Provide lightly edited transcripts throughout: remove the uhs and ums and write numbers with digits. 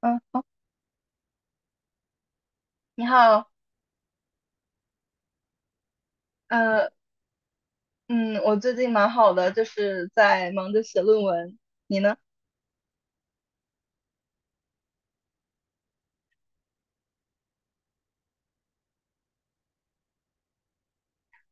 嗯，你好。呃，嗯，我最近蛮好的，就是在忙着写论文。你呢？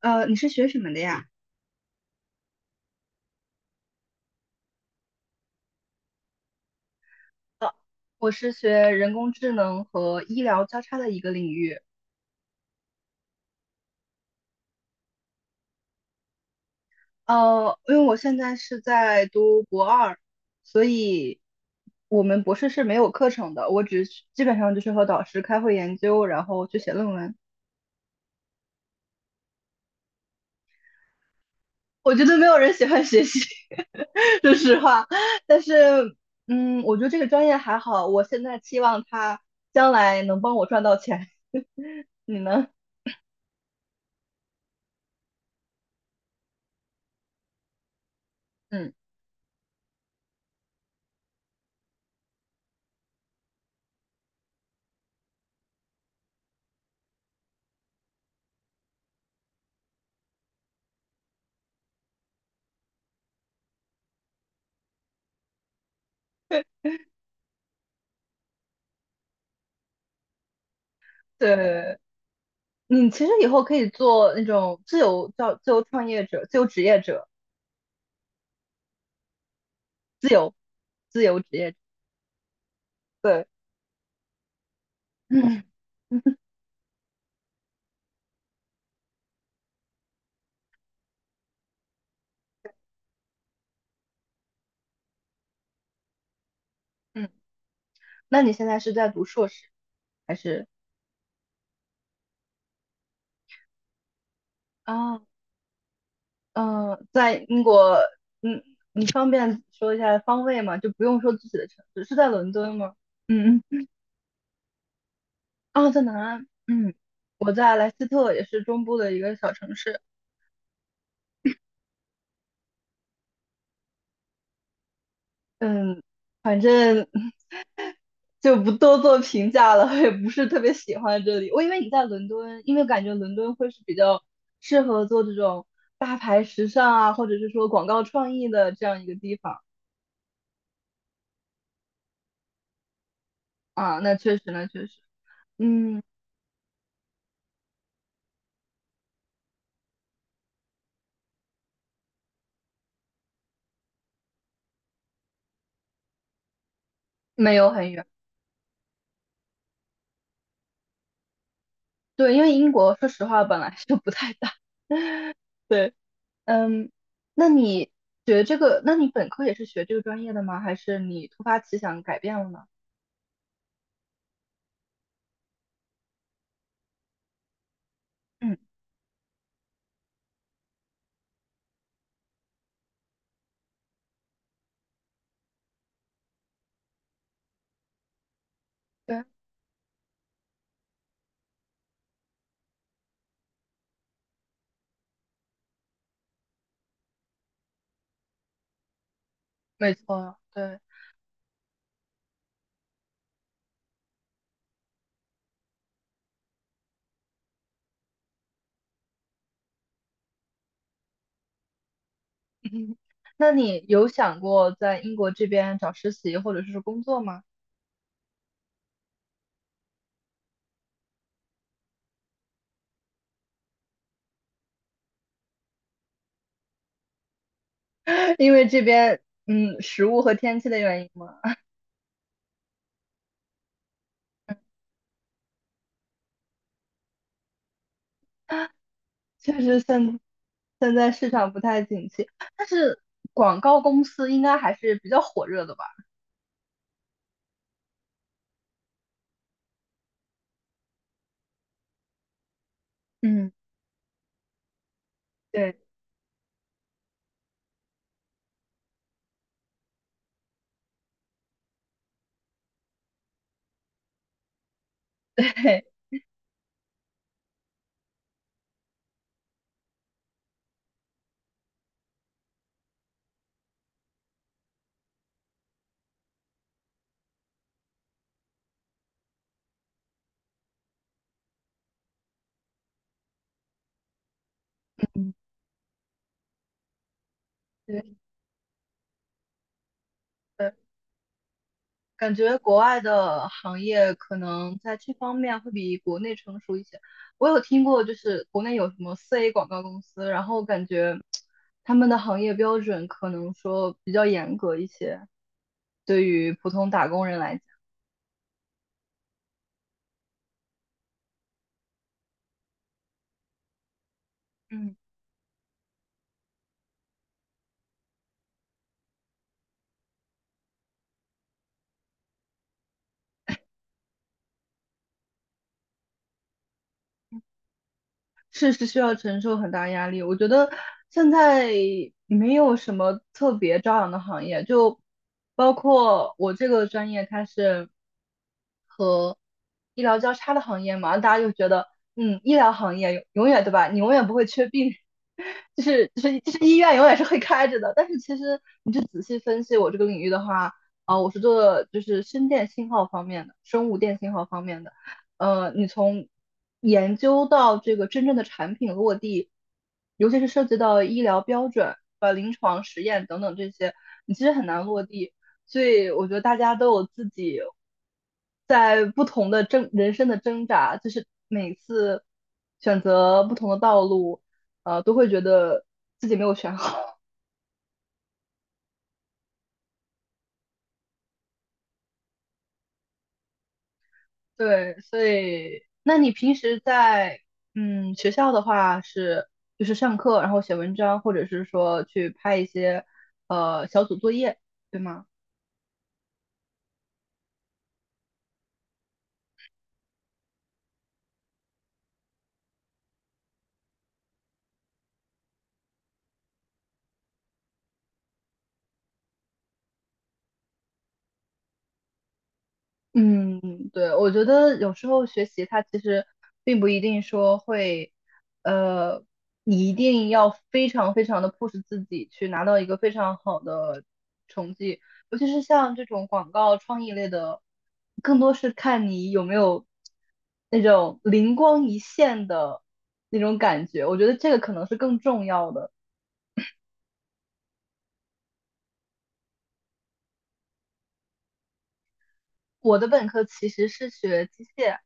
你是学什么的呀？呃，我是学人工智能和医疗交叉的一个领域。因为我现在是在读博二，所以我们博士是没有课程的，我只是基本上就是和导师开会研究，然后去写论文。我觉得没有人喜欢学习，说实话。但是，我觉得这个专业还好，我现在期望它将来能帮我赚到钱。你呢？嗯，对，你其实以后可以做那种自由叫自由创业者、自由职业者、自由职业者。对，嗯。 嗯，那你现在是在读硕士还是？啊，嗯，在英国。嗯，你方便说一下方位吗？就不用说自己的城市，是在伦敦吗？嗯嗯，啊，在南安。嗯，我在莱斯特，也是中部的一个小城市。嗯，反正 就不多做评价了，也不是特别喜欢这里。我以为你在伦敦，因为感觉伦敦会是比较适合做这种大牌时尚啊，或者是说广告创意的这样一个地方。啊，那确实，那确实。嗯，没有很远。对，因为英国说实话本来就不太大。对。嗯，那你那你本科也是学这个专业的吗？还是你突发奇想改变了呢？嗯，对，没错，对。那你有想过在英国这边找实习或者是工作吗？因为这边，食物和天气的原因吗？确实，现在市场不太景气，但是广告公司应该还是比较火热的吧？嗯，对，对，嗯，对。感觉国外的行业可能在这方面会比国内成熟一些。我有听过，就是国内有什么4A 广告公司，然后感觉他们的行业标准可能说比较严格一些，对于普通打工人来讲。嗯，确实需要承受很大压力。我觉得现在没有什么特别朝阳的行业，就包括我这个专业，它是。和医疗交叉的行业嘛，大家就觉得，医疗行业永远对吧？你永远不会缺病人。 就是医院永远是会开着的。但是其实你就仔细分析我这个领域的话，啊、我是做就是生物电信号方面的。你从研究到这个真正的产品落地，尤其是涉及到医疗标准、临床实验等等这些，你其实很难落地。所以我觉得大家都有自己在不同的人生的挣扎，就是每次选择不同的道路，都会觉得自己没有选好。对，所以那你平时在学校的话是就是上课，然后写文章，或者是说去拍一些小组作业，对吗？嗯，对，我觉得有时候学习它其实并不一定说会，呃，你一定要非常非常的 push 自己去拿到一个非常好的成绩，尤其是像这种广告创意类的，更多是看你有没有那种灵光一现的那种感觉，我觉得这个可能是更重要的。我的本科其实是学机械，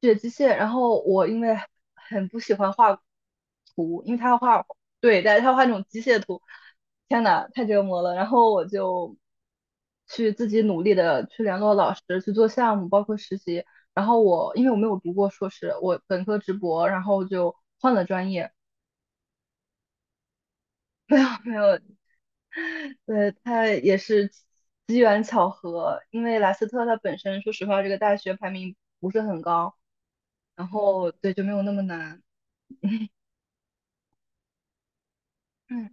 学机械，然后我因为很不喜欢画图，因为他要画。对，但是他要画那种机械图，天呐，太折磨了。然后我就去自己努力的去联络老师，去做项目，包括实习。然后我因为我没有读过硕士，我本科直博，然后就换了专业。没有，没有，对，他也是机缘巧合，因为莱斯特它本身，说实话，这个大学排名不是很高，然后对就没有那么难。嗯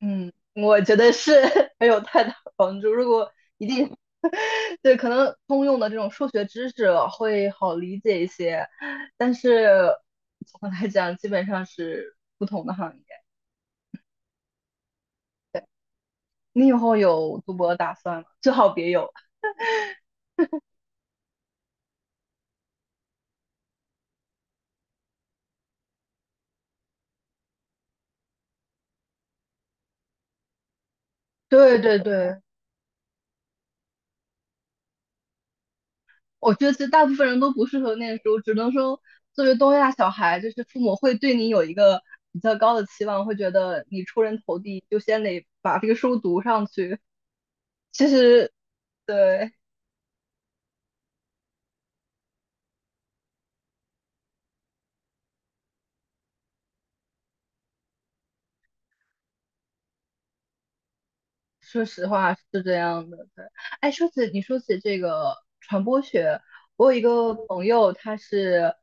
嗯，我觉得是 没有太大帮助。如果一定 对，可能通用的这种数学知识会好理解一些，但是总的来讲，基本上是不同的行业。你以后有读博打算吗？最好别有。对对对，我觉得其实大部分人都不适合念书，只能说作为东亚小孩，就是父母会对你有一个比较高的期望，会觉得你出人头地，就先得把这个书读上去。其实对，说实话是这样的，对。哎，你说起这个传播学，我有一个朋友，他是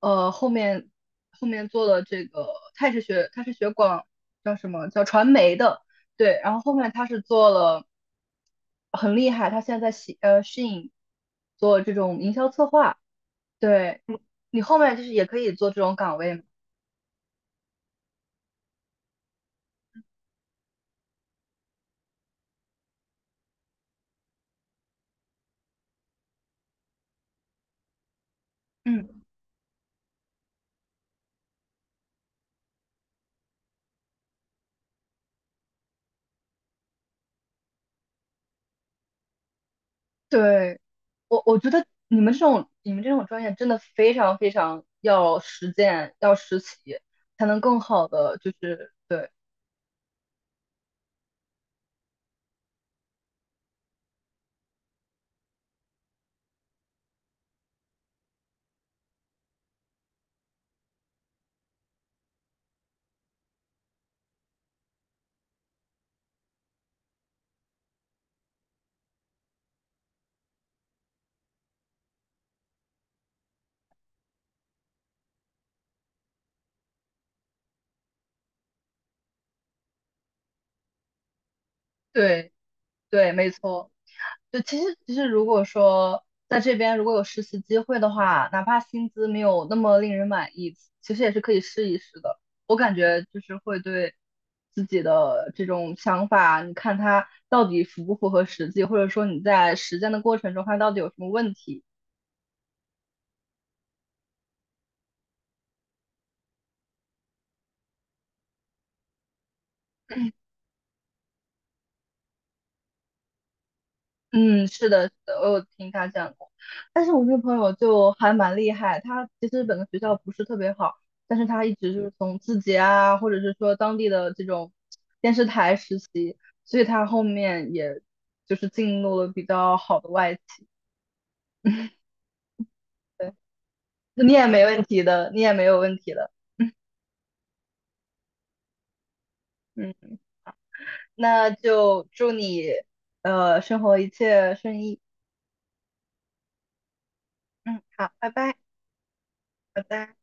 呃后面后面做了这个，他也是学他是学广叫什么叫传媒的。对。然后后面他是做了很厉害，他现在在SH 做这种营销策划，对。你后面就是也可以做这种岗位。嗯，对，我觉得你们这种专业真的非常非常要实践，要实习，才能更好的就是对，对对，没错。就其实如果说在这边如果有实习机会的话，哪怕薪资没有那么令人满意，其实也是可以试一试的。我感觉就是会对自己的这种想法，你看它到底符不符合实际，或者说你在实践的过程中它到底有什么问题。嗯，是的，是的，我有听他讲过。但是我那个朋友就还蛮厉害，他其实本科学校不是特别好，但是他一直就是从字节啊，或者是说当地的这种电视台实习，所以他后面也就是进入了比较好的外企。对，你也没问题的，你也没有问题的。嗯，那就祝你生活一切顺意。嗯，好，拜拜，拜拜。